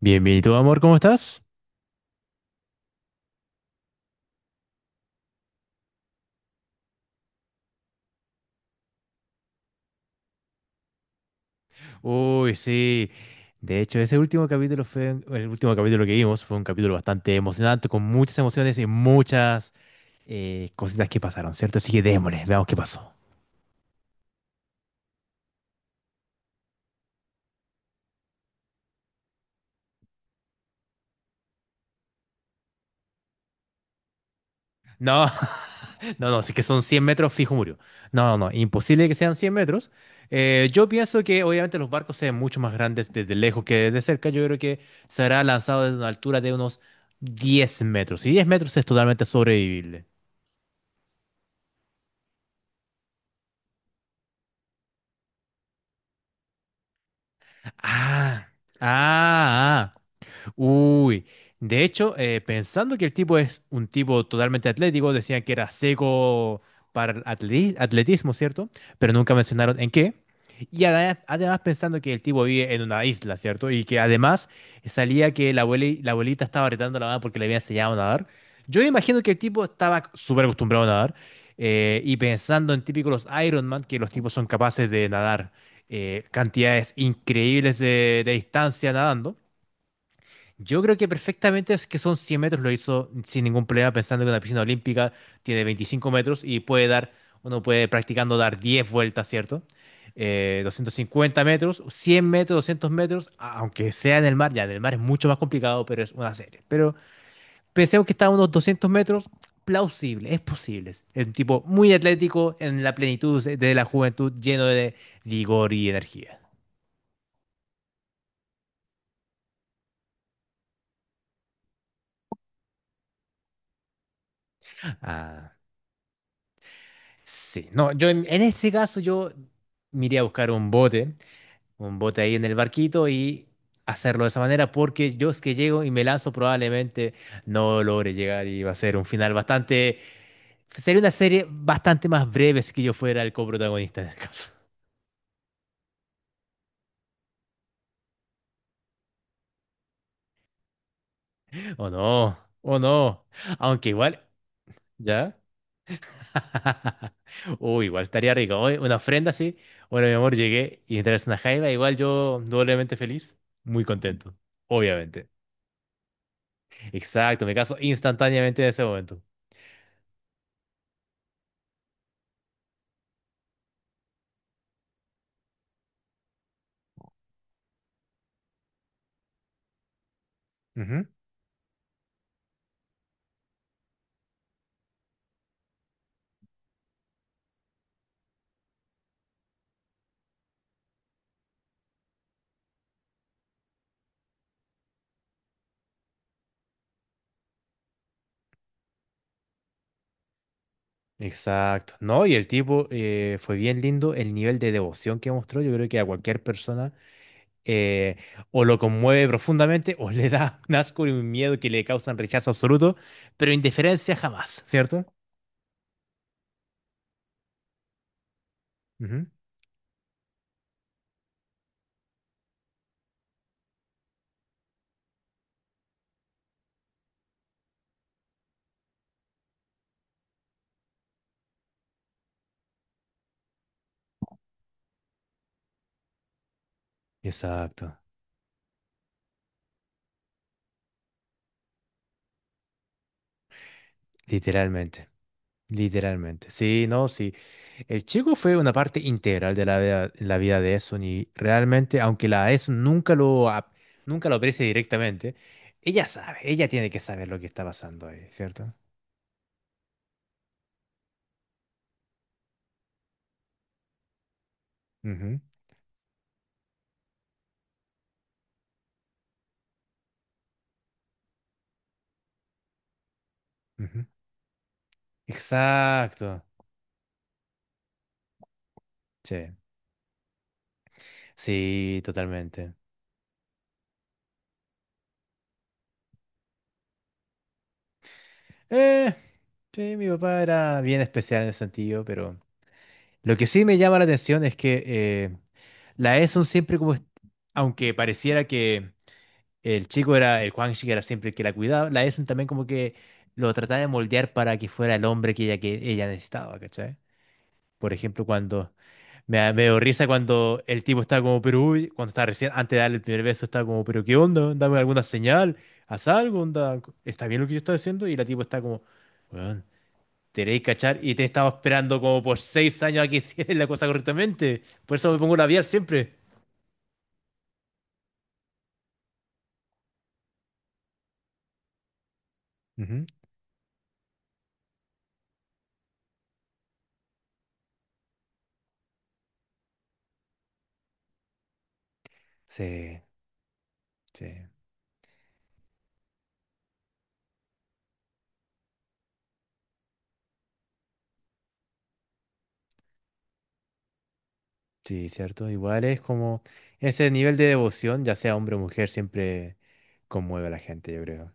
Bienvenido, amor, ¿cómo estás? Uy, sí. De hecho, ese último capítulo fue, el último capítulo que vimos fue un capítulo bastante emocionante, con muchas emociones y muchas cositas que pasaron, ¿cierto? Así que démosle, veamos qué pasó. No, no, no, si que son 100 metros, fijo murió. No, no, no, imposible que sean 100 metros. Yo pienso que obviamente los barcos sean mucho más grandes desde lejos que desde cerca. Yo creo que será lanzado desde una altura de unos 10 metros. Y 10 metros es totalmente sobrevivible. Ah, ah, ah. Uy, de hecho, pensando que el tipo es un tipo totalmente atlético, decían que era seco para el atletismo, ¿cierto? Pero nunca mencionaron en qué. Y además pensando que el tipo vive en una isla, ¿cierto? Y que además salía que la abuelita estaba retando a la mamá porque le había enseñado a nadar. Yo imagino que el tipo estaba súper acostumbrado a nadar. Y pensando en típicos los Iron Man, que los tipos son capaces de nadar cantidades increíbles de distancia nadando. Yo creo que perfectamente es que son 100 metros, lo hizo sin ningún problema, pensando que una piscina olímpica tiene 25 metros y puede dar, uno puede practicando dar 10 vueltas, ¿cierto? Doscientos cincuenta metros, 100 metros, 200 metros, aunque sea en el mar, ya en el mar es mucho más complicado, pero es una serie. Pero pensemos que está a unos 200 metros, plausible, es posible. Es un tipo muy atlético en la plenitud de la juventud, lleno de vigor y energía. Ah. Sí, no, en este caso yo me iría a buscar un bote ahí en el barquito y hacerlo de esa manera porque yo es que llego y me lanzo probablemente no logre llegar y va a ser un final bastante, sería una serie bastante más breve si que yo fuera el coprotagonista en el caso. O no, aunque igual, ¿ya? Uy, igual estaría rico. Oye, una ofrenda así, bueno mi amor, llegué y entras una jaiba, igual yo doblemente feliz, muy contento, obviamente. Exacto, me caso instantáneamente en ese momento. Ujú. Exacto. No, y el tipo fue bien lindo el nivel de devoción que mostró. Yo creo que a cualquier persona eh, o lo conmueve profundamente o le da un asco y un miedo que le causan rechazo absoluto, pero indiferencia jamás, ¿cierto? Ujú. Exacto, literalmente. Literalmente, sí, no, sí. El chico fue una parte integral de la vida de Eson y realmente, aunque la Eson nunca lo, ap- nunca lo aprecie directamente, ella sabe, ella tiene que saber lo que está pasando ahí, cierto. Ujú, ujú. Exacto, sí, sí, totalmente. Eh, sí, mi papá era bien especial en ese sentido, pero lo que sí me llama la atención es que la Eson siempre como, aunque pareciera que el Juan era siempre el que la cuidaba. La Esun también como que lo trataba de moldear para que fuera el hombre que que ella necesitaba, ¿cachai? Por ejemplo, cuando me dio risa cuando el tipo estaba como, pero uy, cuando estaba recién, antes de darle el primer beso, estaba como, pero ¿qué onda? Dame alguna señal, haz algo, onda, ¿está bien lo que yo estoy haciendo? Y la tipo está como, weón, te queréis cachar y te he estado esperando como por seis años a que hicieras la cosa correctamente. Por eso me pongo labial siempre. Ujú. Sí, sí. Sí, cierto. Igual es como ese nivel de devoción, ya sea hombre o mujer, siempre conmueve a la gente, yo creo.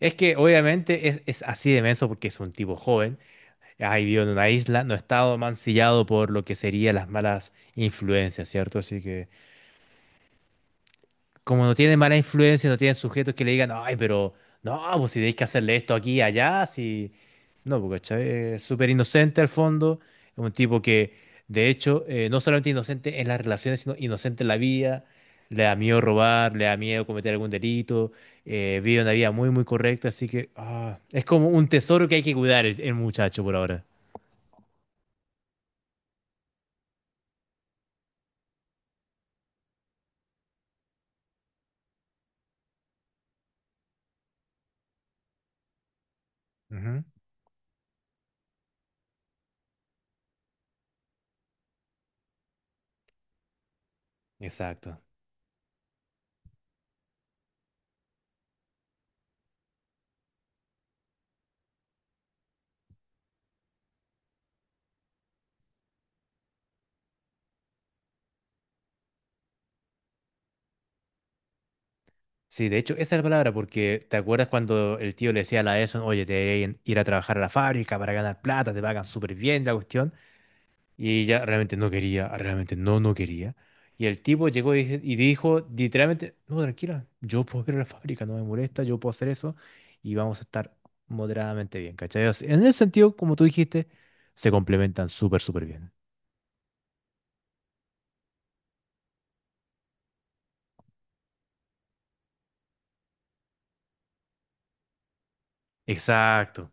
Es que obviamente es así de menso porque es un tipo joven, ha vivido en una isla, no ha estado mancillado por lo que serían las malas influencias, ¿cierto? Así que como no tiene mala influencia, no tienen sujetos que le digan, ay, pero no, pues si tenéis que hacerle esto aquí y allá, si... No, porque ¿cachai? Es súper inocente al fondo, es un tipo que, de hecho, no solamente inocente en las relaciones, sino inocente en la vida, le da miedo robar, le da miedo cometer algún delito, vive una vida muy, muy correcta, así que ah, es como un tesoro que hay que cuidar el muchacho por ahora. Ujú. Exacto. Sí, de hecho, esa es la palabra, porque ¿te acuerdas cuando el tío le decía a la Edison, oye, te deberían ir a trabajar a la fábrica para ganar plata, te pagan súper bien la cuestión? Y ella realmente no quería, realmente no quería. Y el tipo llegó y dijo, literalmente, no, tranquila, yo puedo ir a la fábrica, no me molesta, yo puedo hacer eso y vamos a estar moderadamente bien, ¿cachai? O sea, en ese sentido, como tú dijiste, se complementan súper, súper bien. Exacto,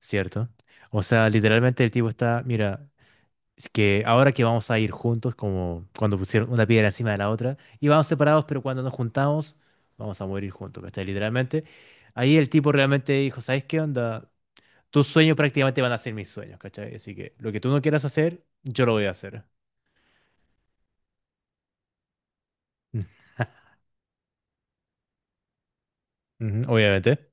¿cierto? O sea, literalmente el tipo está, mira, es que ahora que vamos a ir juntos, como cuando pusieron una piedra encima de la otra, íbamos separados, pero cuando nos juntamos, vamos a morir juntos, ¿cachai? Literalmente. Ahí el tipo realmente dijo, ¿sabes qué onda? Tus sueños prácticamente van a ser mis sueños, ¿cachai? Así que lo que tú no quieras hacer, yo lo voy a hacer. Ujú, obviamente.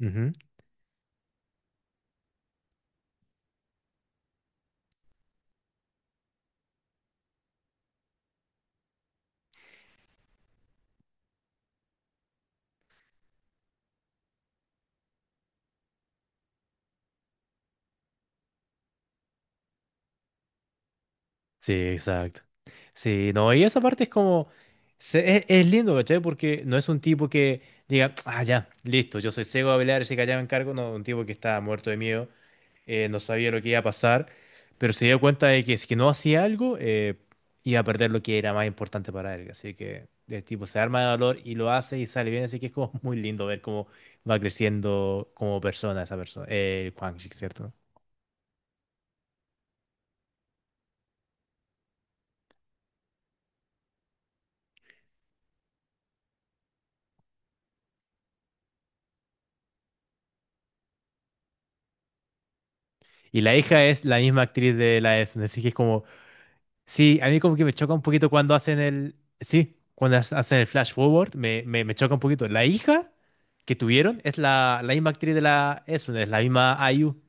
Ujú. Sí, exacto. Sí, no, y esa parte es como, es lindo, ¿cachai? Porque no es un tipo que diga, ah, ya, listo, yo soy ciego a pelear, así que allá me encargo, no, un tipo que está muerto de miedo no sabía lo que iba a pasar, pero se dio cuenta de que si que no hacía algo, iba a perder lo que era más importante para él. Así que el tipo se arma de valor y lo hace y sale bien, así que es como muy lindo ver cómo va creciendo como persona esa persona, Quang Shi, ¿cierto? Y la hija es la misma actriz de la Essen, así que es como, sí, a mí como que me choca un poquito cuando hacen sí, cuando hacen el flash forward, me choca un poquito. La hija que tuvieron es la misma actriz de la Essen, es la misma IU.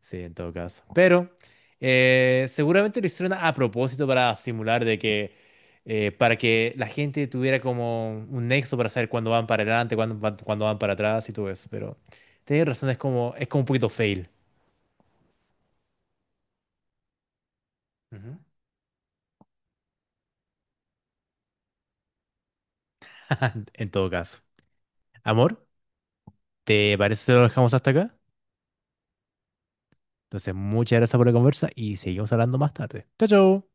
Sí, en todo caso. Pero seguramente lo hicieron a propósito para simular de que, para que la gente tuviera como un nexo para saber cuándo van para adelante, cuándo van para atrás y todo eso. Pero tienes razón, es como un poquito fail. Ujú. En todo caso. Amor, ¿te parece que lo dejamos hasta acá? Entonces, muchas gracias por la conversa y seguimos hablando más tarde. Chao, chao.